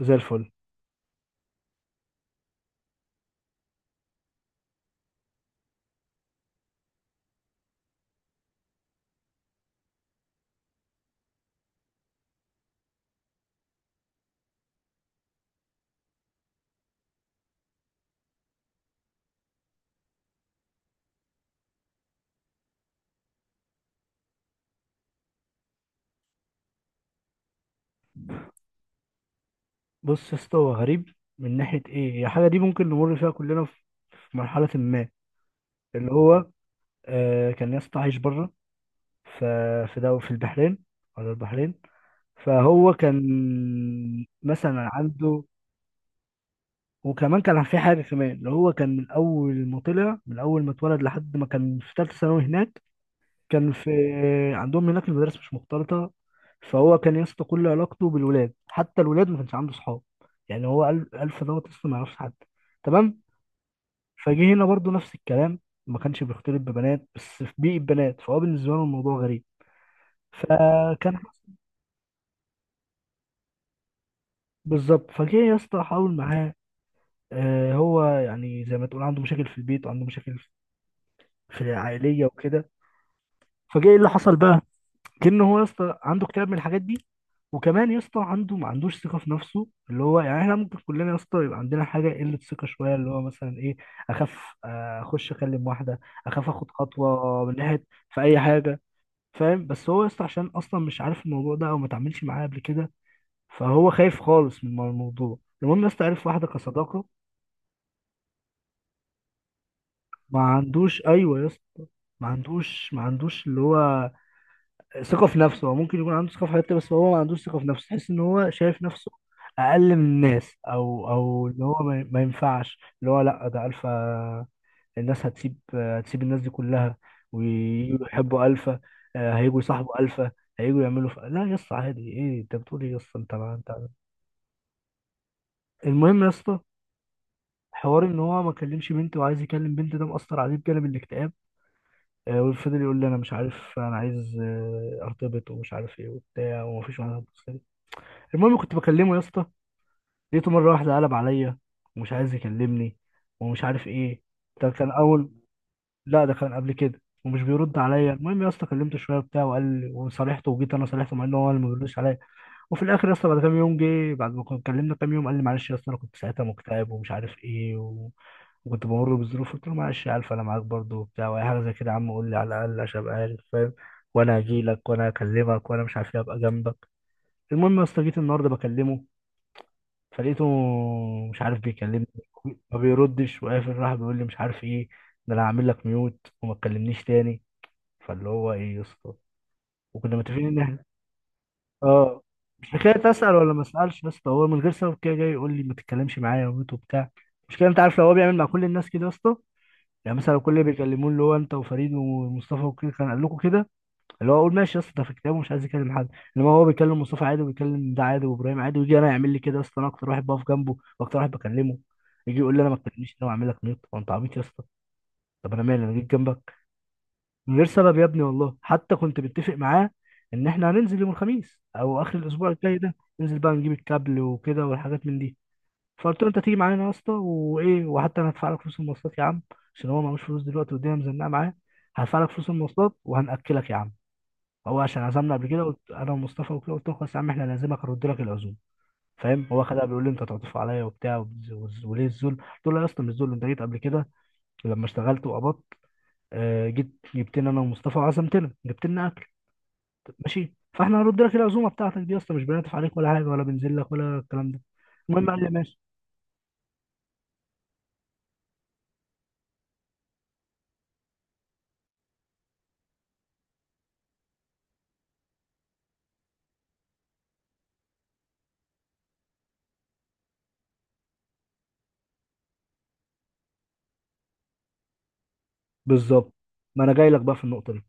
زي الفل. بص يا اسطى، هو غريب من ناحية ايه؟ هي حاجة دي ممكن نمر فيها كلنا في مرحلة ما، اللي هو كان يا اسطى عايش بره، ف- في البحرين ولا البحرين؟ فهو كان مثلا عنده، وكمان كان في حاجة كمان، اللي هو كان من أول ما طلع، من أول ما اتولد لحد ما كان في تالتة ثانوي هناك. كان في، عندهم هناك المدارس مش مختلطة، فهو كان يا اسطى كل علاقته بالولاد، حتى الولاد ما كانش عنده صحاب. يعني هو ألف دوت لسه ما يعرفش حد، تمام. فجه هنا برضو نفس الكلام، ما كانش بيختلط ببنات، بس في بيئة بنات، فهو بالنسبة له الموضوع غريب. فكان بالظبط، فجه يا اسطى حاول معاه. آه، هو يعني زي ما تقول عنده مشاكل في البيت، وعنده مشاكل في العائلية وكده. فجه ايه اللي حصل بقى؟ كأنه هو يا اسطى عنده اكتئاب من الحاجات دي، وكمان يا اسطى عنده، ما عندوش ثقه في نفسه، اللي هو يعني احنا ممكن كلنا يا اسطى يبقى عندنا حاجه، قله ثقه شويه، اللي هو مثلا ايه؟ اخاف، آه، اخش اكلم واحده، اخاف اخد خطوه من ناحيه في اي حاجه، فاهم؟ بس هو يا اسطى عشان اصلا مش عارف الموضوع ده، او ما اتعاملش معاه قبل كده، فهو خايف خالص من الموضوع. المهم يا اسطى عرف واحده كصداقه. ما عندوش، ايوه يا اسطى ما عندوش اللي هو ثقة في نفسه. هو ممكن يكون عنده ثقة في حته، بس هو ما عندوش ثقة في نفسه. تحس ان هو شايف نفسه اقل من الناس، او ان هو ما ينفعش، اللي هو لا، ده الفا. الناس هتسيب الناس دي كلها، وييجوا يحبوا الفا، آه، هيجوا يصاحبوا الفا، هيجوا يعملوا لا يا اسطى، عادي، ايه انت بتقول ايه يا اسطى؟ انت ما انت. المهم يا اسطى حوار ان هو ما كلمش بنت، وعايز يكلم بنت، ده مأثر عليه بجانب الاكتئاب. آه، وفضل يقول لي انا مش عارف، انا عايز، ارتبط، ومش عارف ايه وبتاع، ومفيش واحده هتبص لي. المهم كنت بكلمه يا اسطى، لقيته مره واحده قلب عليا، ومش عايز يكلمني، ومش عارف ايه. ده كان اول لا، ده كان قبل كده، ومش بيرد عليا. المهم يا اسطى كلمته شويه وبتاع وقال لي، وصالحته، وجيت انا صالحته، مع ان هو اللي ما بيردش عليا. وفي الاخر يا اسطى بعد كام يوم، جه بعد ما كنا اتكلمنا كام يوم، قال لي معلش يا اسطى، انا كنت ساعتها مكتئب، ومش عارف ايه و... وكنت بمر بظروف. قلت له معلش يا الف، انا معاك برضه وبتاع، واي حاجه زي كده يا عم قول لي على الاقل عشان ابقى عارف، فاهم، وانا هجي لك، وانا هكلمك، وانا مش عارف ايه، ابقى جنبك. المهم يا اسطى جيت النهارده بكلمه، فلقيته مش عارف بيكلمني، ما بيردش وقافل، راح بيقول لي مش عارف ايه، ده انا هعمل لك ميوت وما تكلمنيش تاني. فاللي هو ايه يا اسطى، وكنا متفقين ان احنا، اه مش حكايه اسال ولا ما اسالش، بس هو من غير سبب كده جاي يقول لي ما تتكلمش معايا وميوت وبتاع. مش كده، انت عارف لو هو بيعمل مع كل الناس كده يا اسطى، يعني مثلا لو كل اللي بيكلموه، اللي هو انت وفريد ومصطفى وكده، كان قال لكم كده، اللي هو اقول ماشي يا اسطى، ده في كتابه مش عايز يكلم حد. انما هو بيكلم مصطفى عادي، وبيكلم ده عادي، وابراهيم عادي، ويجي انا يعمل لي كده يا اسطى، انا اكتر واحد بقف جنبه، واكتر واحد بكلمه. يجي يقول لي انا ما تكلمنيش، انا، واعمل لك نيط. هو انت عبيط يا اسطى؟ طب انا مالي؟ انا جيت جنبك. من غير سبب يا ابني، والله حتى كنت متفق معاه ان احنا هننزل يوم الخميس او اخر الاسبوع الجاي ده، ننزل بقى نجيب الكابل وكده والحاجات من دي. فقلت له انت تيجي معانا يا اسطى، وايه، وحتى انا هدفع لك فلوس المواصلات يا عم، عشان هو معهوش فلوس دلوقتي، والدنيا مزنقه معاه. هدفع لك فلوس المواصلات، وهنأكلك يا عم، هو عشان عزمنا قبل كده، قلت انا ومصطفى وكده، قلت له خلاص يا عم احنا لازمك، هرد لك العزوم، فاهم. هو خدها بيقول لي انت تعطف عليا وبتاع، وليه الذل. قلت له لا يا اسطى مش ذل، انت جيت قبل كده لما اشتغلت وقبضت، جيت جبت لنا انا ومصطفى، وعزمتنا جبت لنا اكل. طب ماشي، فاحنا هنرد لك العزومه بتاعتك دي يا اسطى، مش بنعطف عليك ولا حاجه، ولا بنزل لك، ولا الكلام ده. المهم قال لي ماشي، بالظبط، ما انا جاي لك بقى في النقطه دي.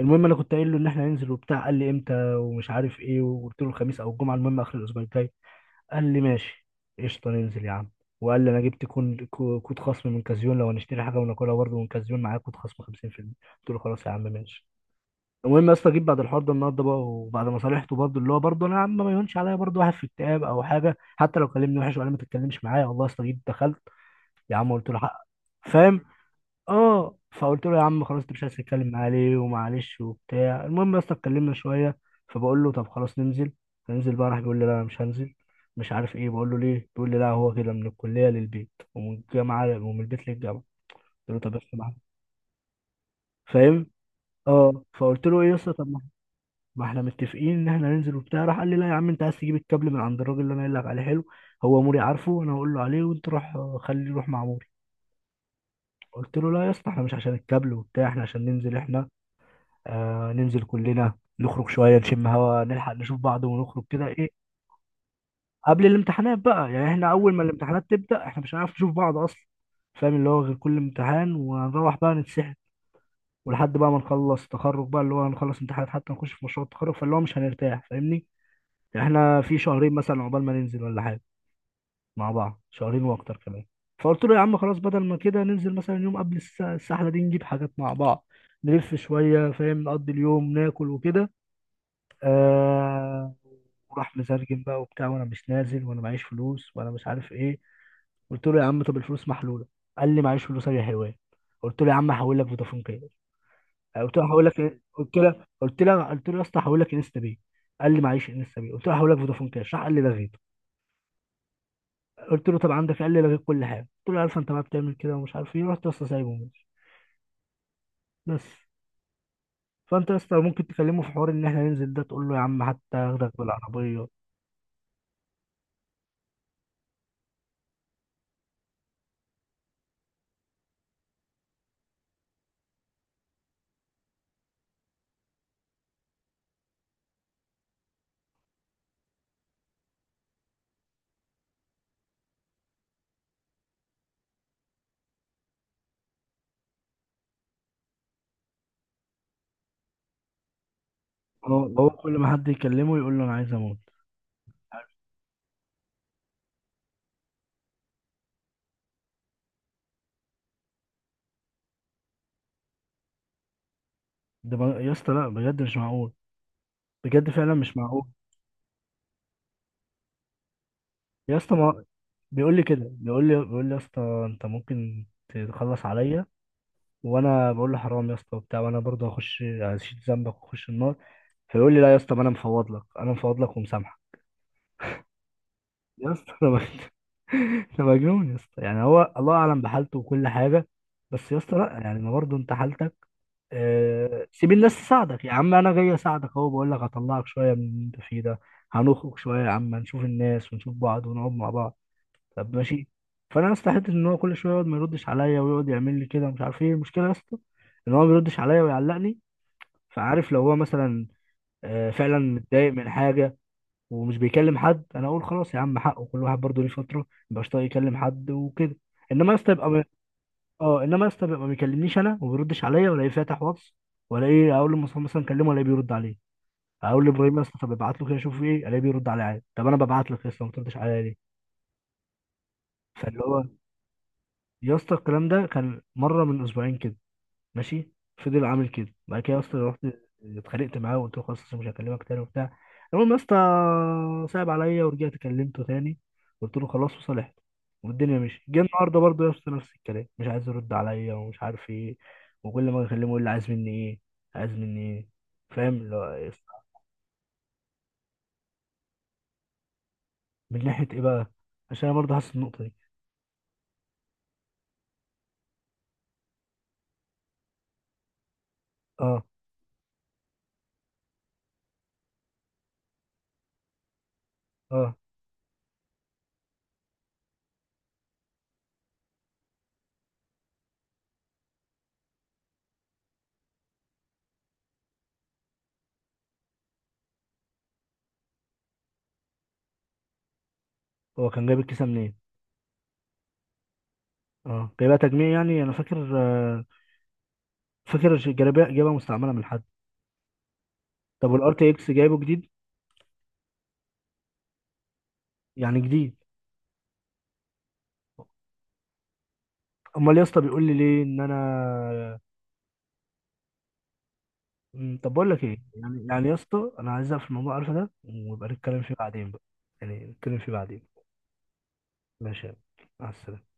المهم انا كنت قايل له ان احنا هننزل وبتاع، قال لي امتى ومش عارف ايه، وقلت له الخميس او الجمعه، المهم اخر الاسبوع الجاي. قال لي ماشي، قشطة ننزل يا عم. وقال لي انا جبت كود خصم من كازيون لو هنشتري حاجه، وناكلها برضه من كازيون، معايا كود خصم 50%. قلت له خلاص يا عم ماشي. المهم يا اسطى جيت بعد الحوار ده النهارده بقى، وبعد ما صالحته برضه، اللي هو برضه انا يا عم ما يهونش عليا برضه واحد في اكتئاب او حاجه، حتى لو كلمني وحش، وقال لي ما تتكلمش معايا، والله يا اسطى جيت دخلت يا عم قلت له حق، فاهم. اه، فقلت له يا عم خلاص، انت مش عايز تتكلم معاه ليه؟ ومعلش وبتاع، المهم يا اسطى اتكلمنا شويه. فبقول له طب خلاص ننزل، هننزل بقى، راح بيقول لي لا انا مش هنزل، مش عارف ايه. بقول له ليه؟ بيقول لي لا، هو كده من الكليه للبيت، ومن الجامعه، ومن البيت للجامعه. قلت له طب بس معاك، فاهم. اه، فقلت له ايه يا اسطى؟ طب ما احنا متفقين ان احنا ننزل وبتاع. راح قال لي لا يا عم، انت عايز تجيب الكابل من عند الراجل اللي انا قايل لك عليه، حلو، هو موري عارفه، انا هقول له عليه، وانت روح، خليه يروح مع موري. قلت له لا يا اسطى احنا مش عشان الكابل وبتاع، احنا عشان ننزل احنا، ننزل كلنا، نخرج شوية، نشم هوا، نلحق نشوف بعض، ونخرج كده، ايه قبل الامتحانات بقى. يعني احنا أول ما الامتحانات تبدأ، احنا مش هنعرف نشوف بعض أصلا، فاهم. اللي هو غير كل امتحان ونروح بقى نتسحل، ولحد بقى ما نخلص تخرج بقى، اللي هو هنخلص امتحانات حتى نخش في مشروع التخرج، فاللي هو مش هنرتاح، فاهمني. يعني احنا في شهرين مثلا عقبال ما ننزل ولا حاجة مع بعض، شهرين وأكتر كمان. فقلت له يا عم خلاص، بدل ما كده ننزل مثلا يوم قبل السحلة دي، نجيب حاجات مع بعض، نلف شوية، فاهم، نقضي اليوم ناكل وكده. آه وراح مزرجم بقى وبتاع، وانا مش نازل، وانا معيش فلوس، وانا مش عارف ايه. قلت له يا عم طب الفلوس محلوله. قال لي معيش فلوس يا حيوان. قلت له يا عم هحول لك فودافون كاش، آه، قلت له هحول لك إيه؟ قلت له يا اسطى هحول لك انستا باي. قال لي معيش انستا باي، قلت له هحول لك فودافون كاش، راح قال لي لغيت. قلت له طب عندك، قال لي لغيت كل حاجه، قلت له عارف انت ما بتعمل كده ومش عارف ايه، رحت يا اسطى سايبه وماشي، بس. فانت يا اسطى ممكن تكلمه في حوار ان احنا ننزل ده، تقول له يا عم حتى اخدك بالعربيه. هو كل ما حد يكلمه يقول له انا عايز اموت. يا اسطى لا بجد مش معقول، بجد فعلا مش معقول. يا اسطى ما بيقول لي كده، بيقول لي يا اسطى انت ممكن تخلص عليا. وانا بقول له حرام يا اسطى وبتاع، وانا برضه هخش هشيل ذنبك، واخش النار. فيقول لي لا يا اسطى، ما انا مفوض لك، انا مفوض لك ومسامحك. يا اسطى ده مجنون يا اسطى، يعني هو الله اعلم بحالته وكل حاجه. بس يا اسطى لا، يعني ما برضه انت حالتك، سيب الناس تساعدك يا عم، انا جاي اساعدك اهو، بقول لك هطلعك شويه من اللي انت فيه ده. هنخرج شويه يا عم، نشوف الناس، ونشوف بعض، ونقعد مع بعض، طب ماشي. فانا استحيت ان هو كل شويه يقعد ما يردش عليا، ويقعد يعمل لي كده، مش عارف ايه المشكله يا اسطى ان هو ما بيردش عليا ويعلقني. فعارف لو هو مثلا فعلا متضايق من حاجه، ومش بيكلم حد، انا اقول خلاص يا عم حقه، كل واحد برضه ليه فتره مبقاش طايق يكلم حد وكده. انما يا اسطى يبقى م- اه انما يا اسطى يبقى ما بيكلمنيش انا، وما بيردش عليا، ولا ايه فاتح واتس، ولا ايه؟ اقول لمصطفى مثلا كلمه ولا بيرد عليه. اقول لابراهيم يا اسطى طب ابعت له كده، شوف ايه الاقيه بيرد عليا عادي، طب انا ببعت لك يا اسطى ما بتردش عليا ليه؟ فاللي هو يا اسطى الكلام ده كان مره من اسبوعين كده، ماشي، فضل عامل كده. بعد كده يا اسطى رحت اتخانقت معاه، وقلت له خلاص أصل مش هكلمك تاني وبتاع. المهم يا اسطى صعب عليا، ورجعت كلمته تاني، قلت له خلاص، وصالحت، والدنيا مشيت. جه النهارده برضه يا اسطى نفس الكلام، مش عايز يرد عليا، ومش عارف ايه. وكل ما اكلمه يقول لي عايز مني ايه؟ عايز مني ايه؟ فاهم اللي هو إيه؟ من ناحيه ايه بقى؟ عشان انا برضه حاسس النقطه دي. اه، اه، هو كان جايب الكيسه منين؟ اه جايبها تجميع يعني انا فاكر، فاكر جايبها مستعمله من حد. طب والار تي اكس جايبه جديد، يعني جديد؟ امال يا اسطى بيقول لي ليه ان انا. طب بقول لك ايه، يعني يا اسطى انا عايز اقفل الموضوع عارفه ده، ويبقى نتكلم فيه بعدين بقى، يعني نتكلم فيه بعدين. ماشي يا عم. مع السلامه.